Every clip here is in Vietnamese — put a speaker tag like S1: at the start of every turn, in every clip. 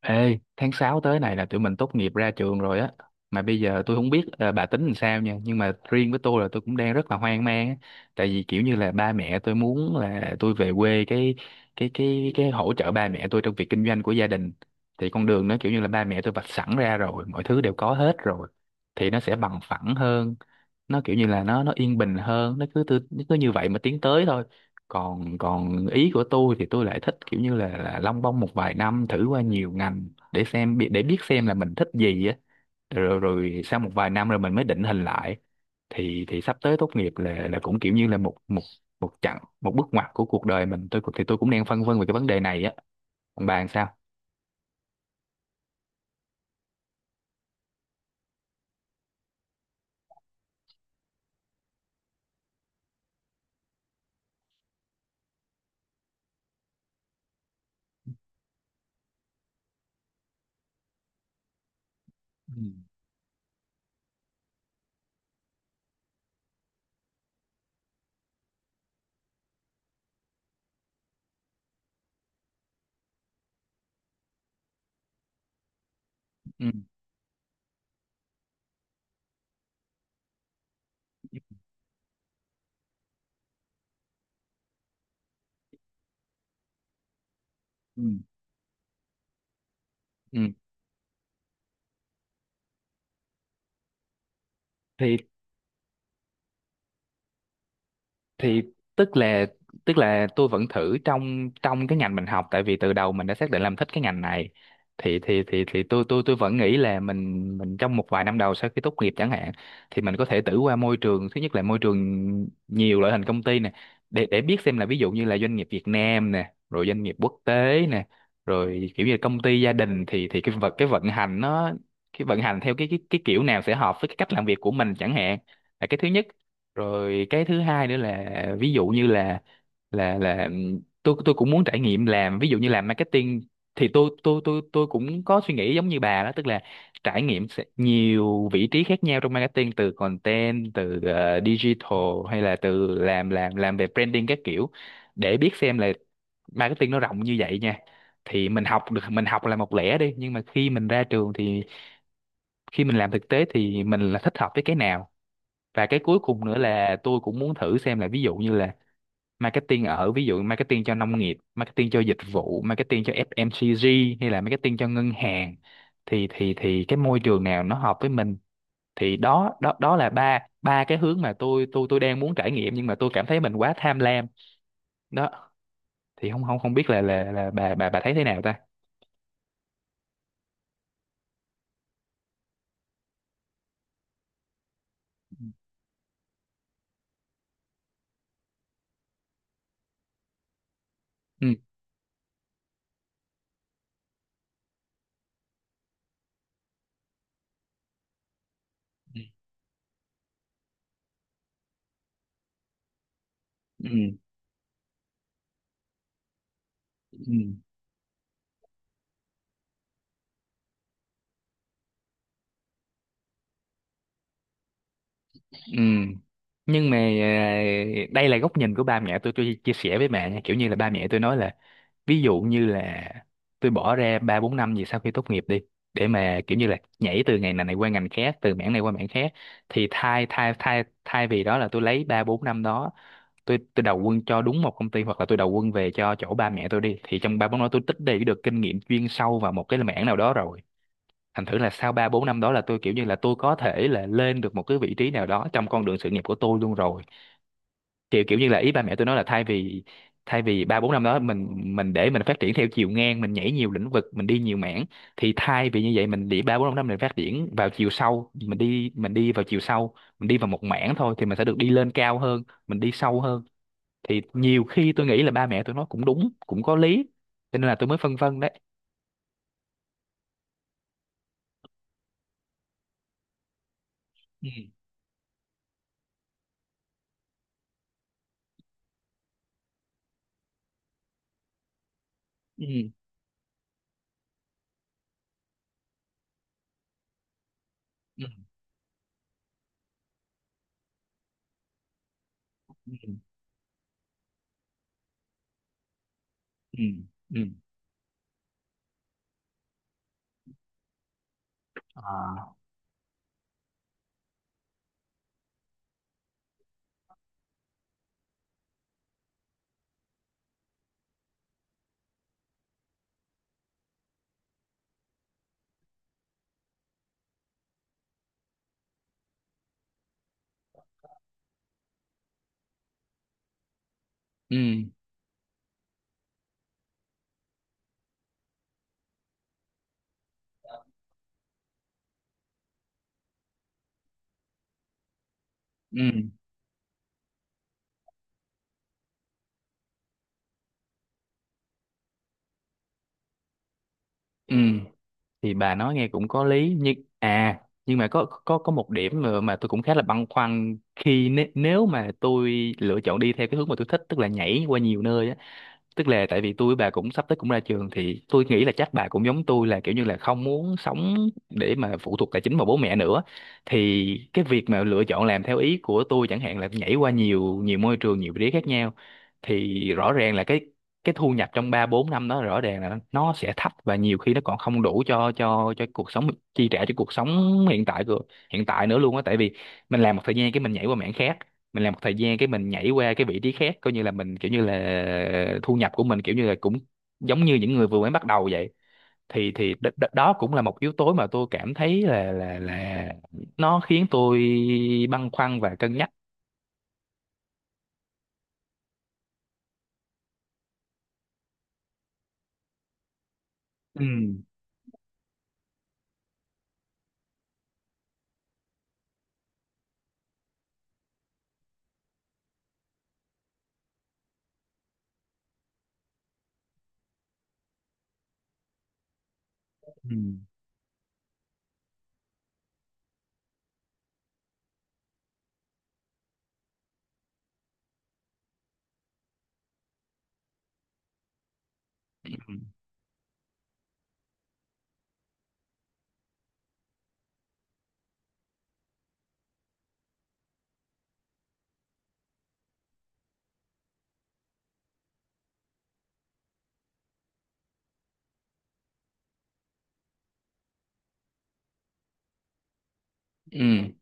S1: Ê, tháng 6 tới này là tụi mình tốt nghiệp ra trường rồi á. Mà bây giờ tôi không biết bà tính làm sao nha, nhưng mà riêng với tôi là tôi cũng đang rất là hoang mang á. Tại vì kiểu như là ba mẹ tôi muốn là tôi về quê cái cái hỗ trợ ba mẹ tôi trong việc kinh doanh của gia đình. Thì con đường nó kiểu như là ba mẹ tôi vạch sẵn ra rồi, mọi thứ đều có hết rồi. Thì nó sẽ bằng phẳng hơn, nó kiểu như là nó yên bình hơn, nó cứ như vậy mà tiến tới thôi, còn còn ý của tôi thì tôi lại thích kiểu như là lông bông một vài năm thử qua nhiều ngành để để biết xem là mình thích gì á, rồi rồi sau một vài năm rồi mình mới định hình lại. Thì sắp tới tốt nghiệp là cũng kiểu như là một một một chặng, một bước ngoặt của cuộc đời mình. Thì tôi cũng đang phân vân về cái vấn đề này á. Còn bạn sao? Ừ. Ừ. Ừ. ừ thì thì tức là tức là tôi vẫn thử trong trong cái ngành mình học, tại vì từ đầu mình đã xác định làm thích cái ngành này. Thì tôi tôi vẫn nghĩ là mình trong một vài năm đầu sau khi tốt nghiệp chẳng hạn, thì mình có thể thử qua môi trường. Thứ nhất là môi trường nhiều loại hình công ty nè, để biết xem là ví dụ như là doanh nghiệp Việt Nam nè, rồi doanh nghiệp quốc tế nè, rồi kiểu như là công ty gia đình. Thì cái vận hành nó, cái vận hành theo cái kiểu nào sẽ hợp với cái cách làm việc của mình chẳng hạn, là cái thứ nhất. Rồi cái thứ hai nữa là, ví dụ như là, tôi cũng muốn trải nghiệm làm, ví dụ như làm marketing, thì tôi cũng có suy nghĩ giống như bà đó, tức là trải nghiệm sẽ nhiều vị trí khác nhau trong marketing, từ content, từ digital, hay là từ làm về branding các kiểu, để biết xem là marketing nó rộng như vậy nha. Thì mình học được, mình học là một lẻ đi, nhưng mà khi mình ra trường thì khi mình làm thực tế thì mình là thích hợp với cái nào. Và cái cuối cùng nữa là tôi cũng muốn thử xem là, ví dụ như là marketing ở, ví dụ marketing cho nông nghiệp, marketing cho dịch vụ, marketing cho FMCG, hay là marketing cho ngân hàng, thì thì cái môi trường nào nó hợp với mình. Thì đó đó đó là ba, ba cái hướng mà tôi tôi đang muốn trải nghiệm, nhưng mà tôi cảm thấy mình quá tham lam. Đó, thì không không không biết là là bà bà thấy thế nào ta. Ừ. Ừ. Ừ. Ừ. Nhưng mà à, đây là góc nhìn của ba mẹ tôi chia sẻ với mẹ nha, kiểu như là ba mẹ tôi nói là, ví dụ như là tôi bỏ ra ba bốn năm gì sau khi tốt nghiệp đi, để mà kiểu như là nhảy từ ngành này này qua ngành khác, từ mảng này qua mảng khác, thì thay thay thay thay vì đó là tôi lấy ba bốn năm đó, tôi đầu quân cho đúng một công ty, hoặc là tôi đầu quân về cho chỗ ba mẹ tôi đi, thì trong ba bốn năm đó tôi tích lũy được kinh nghiệm chuyên sâu vào một cái mảng nào đó rồi. Thành thử là sau ba bốn năm đó là tôi kiểu như là tôi có thể là lên được một cái vị trí nào đó trong con đường sự nghiệp của tôi luôn rồi. Kiểu kiểu như là ý ba mẹ tôi nói là, thay vì ba bốn năm đó mình, để mình phát triển theo chiều ngang, mình nhảy nhiều lĩnh vực, mình đi nhiều mảng, thì thay vì như vậy mình để ba bốn năm mình phát triển vào chiều sâu, mình đi vào chiều sâu, mình đi vào một mảng thôi, thì mình sẽ được đi lên cao hơn, mình đi sâu hơn. Thì nhiều khi tôi nghĩ là ba mẹ tôi nói cũng đúng, cũng có lý. Cho nên là tôi mới phân vân đấy. Ừ. Ừ. Ừ. Ừ. Ừ. Ừ. À. Ừ. Ừ. Ừ. Thì bà nói nghe cũng có lý, nhưng à, nhưng mà có có một điểm mà tôi cũng khá là băn khoăn, khi nếu, nếu mà tôi lựa chọn đi theo cái hướng mà tôi thích, tức là nhảy qua nhiều nơi á, tức là tại vì tôi với bà cũng sắp tới cũng ra trường, thì tôi nghĩ là chắc bà cũng giống tôi, là kiểu như là không muốn sống để mà phụ thuộc tài chính vào bố mẹ nữa. Thì cái việc mà lựa chọn làm theo ý của tôi, chẳng hạn là nhảy qua nhiều nhiều môi trường, nhiều vị trí khác nhau, thì rõ ràng là cái thu nhập trong 3 4 năm đó rõ ràng là nó sẽ thấp, và nhiều khi nó còn không đủ cho cuộc sống, chi trả cho cuộc sống hiện tại hiện tại nữa luôn á. Tại vì mình làm một thời gian cái mình nhảy qua mảng khác, mình làm một thời gian cái mình nhảy qua cái vị trí khác, coi như là mình kiểu như là thu nhập của mình kiểu như là cũng giống như những người vừa mới bắt đầu vậy. Thì thì đ, đ, đó cũng là một yếu tố mà tôi cảm thấy là là nó khiến tôi băn khoăn và cân nhắc. Ừ. Ừ. Ừ. Ừ.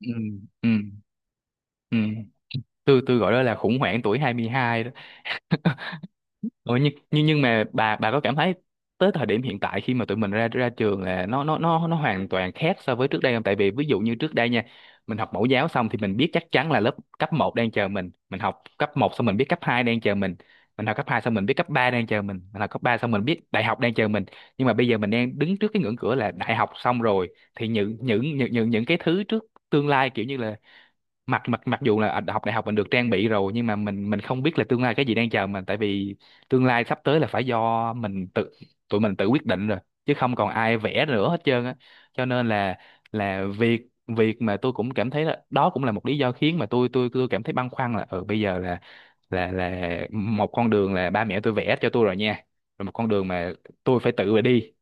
S1: Ừ. Ừ. Ừ. Tôi gọi đó là khủng hoảng tuổi 22 đó. Ủa, nhưng, nhưng mà bà có cảm thấy tới thời điểm hiện tại, khi mà tụi mình ra ra trường, là nó hoàn toàn khác so với trước đây không? Tại vì ví dụ như trước đây nha, mình học mẫu giáo xong thì mình biết chắc chắn là lớp cấp một đang chờ mình học cấp một xong mình biết cấp 2 đang chờ mình học cấp 2 xong mình biết cấp 3 đang chờ mình học cấp 3 xong mình biết đại học đang chờ mình. Nhưng mà bây giờ mình đang đứng trước cái ngưỡng cửa là đại học xong rồi, thì những cái thứ trước tương lai kiểu như là, mặc mặc mặc dù là học đại học mình được trang bị rồi, nhưng mà mình không biết là tương lai cái gì đang chờ mình. Tại vì tương lai sắp tới là phải do mình tự, tụi mình tự quyết định rồi, chứ không còn ai vẽ nữa hết trơn á. Cho nên là việc, mà tôi cũng cảm thấy là đó cũng là một lý do khiến mà tôi cảm thấy băn khoăn, là ừ bây giờ là, một con đường là ba mẹ tôi vẽ cho tôi rồi nha, rồi một con đường mà tôi phải tự mà đi.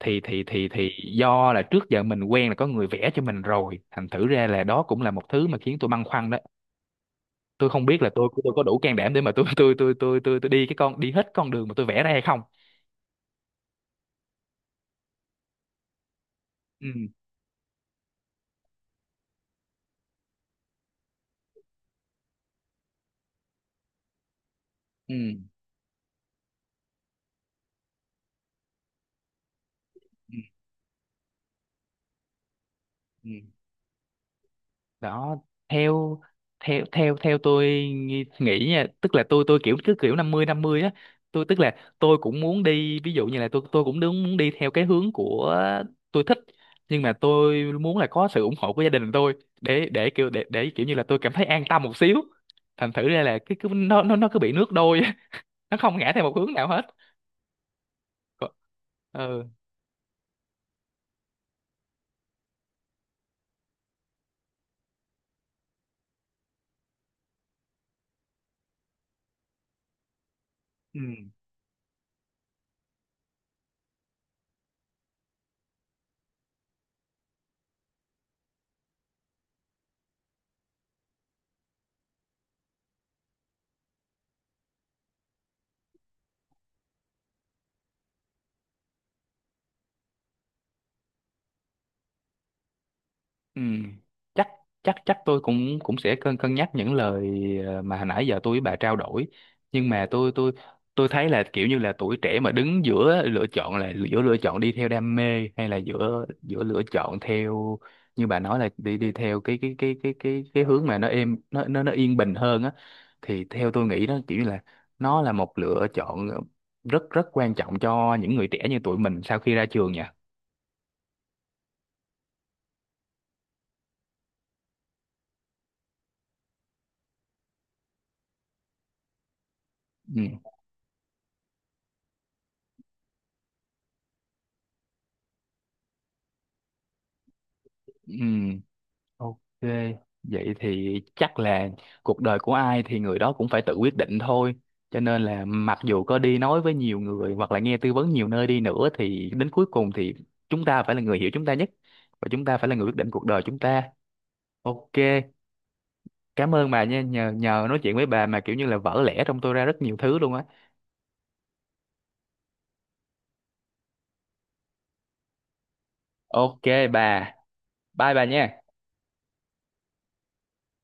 S1: Thì Do là trước giờ mình quen là có người vẽ cho mình rồi, thành thử ra là đó cũng là một thứ mà khiến tôi băn khoăn đó. Tôi không biết là tôi có đủ can đảm để mà tôi đi hết con đường mà tôi vẽ ra hay không. Ừ. Ừ. Ừ. Ừ. Đó, theo theo tôi nghĩ nha, tức là tôi kiểu cứ kiểu năm mươi á. Tôi tức là tôi cũng muốn đi, ví dụ như là tôi cũng đúng muốn đi theo cái hướng của tôi thích, nhưng mà tôi muốn là có sự ủng hộ của gia đình tôi, để kiểu như là tôi cảm thấy an tâm một xíu. Thành thử ra là cái cứ nó cứ bị nước đôi á, nó không ngã theo một hướng nào hết. Có- Ừ. Ừ. Ừ. chắc chắc chắc tôi cũng cũng sẽ cân cân nhắc những lời mà hồi nãy giờ tôi với bà trao đổi. Nhưng mà tôi tôi thấy là kiểu như là tuổi trẻ mà đứng giữa lựa chọn, là giữa lựa chọn đi theo đam mê, hay là giữa giữa lựa chọn theo như bà nói là đi đi theo cái hướng mà nó êm, nó yên bình hơn á, thì theo tôi nghĩ đó kiểu như là nó là một lựa chọn rất rất quan trọng cho những người trẻ như tụi mình sau khi ra trường nha. Ừ. Ừ. Ok, vậy thì chắc là cuộc đời của ai thì người đó cũng phải tự quyết định thôi. Cho nên là mặc dù có đi nói với nhiều người hoặc là nghe tư vấn nhiều nơi đi nữa, thì đến cuối cùng thì chúng ta phải là người hiểu chúng ta nhất, và chúng ta phải là người quyết định cuộc đời chúng ta. Ok, cảm ơn bà nha, nhờ nhờ nói chuyện với bà mà kiểu như là vỡ lẽ trong tôi ra rất nhiều thứ luôn á. Ok bà, bye bà nha.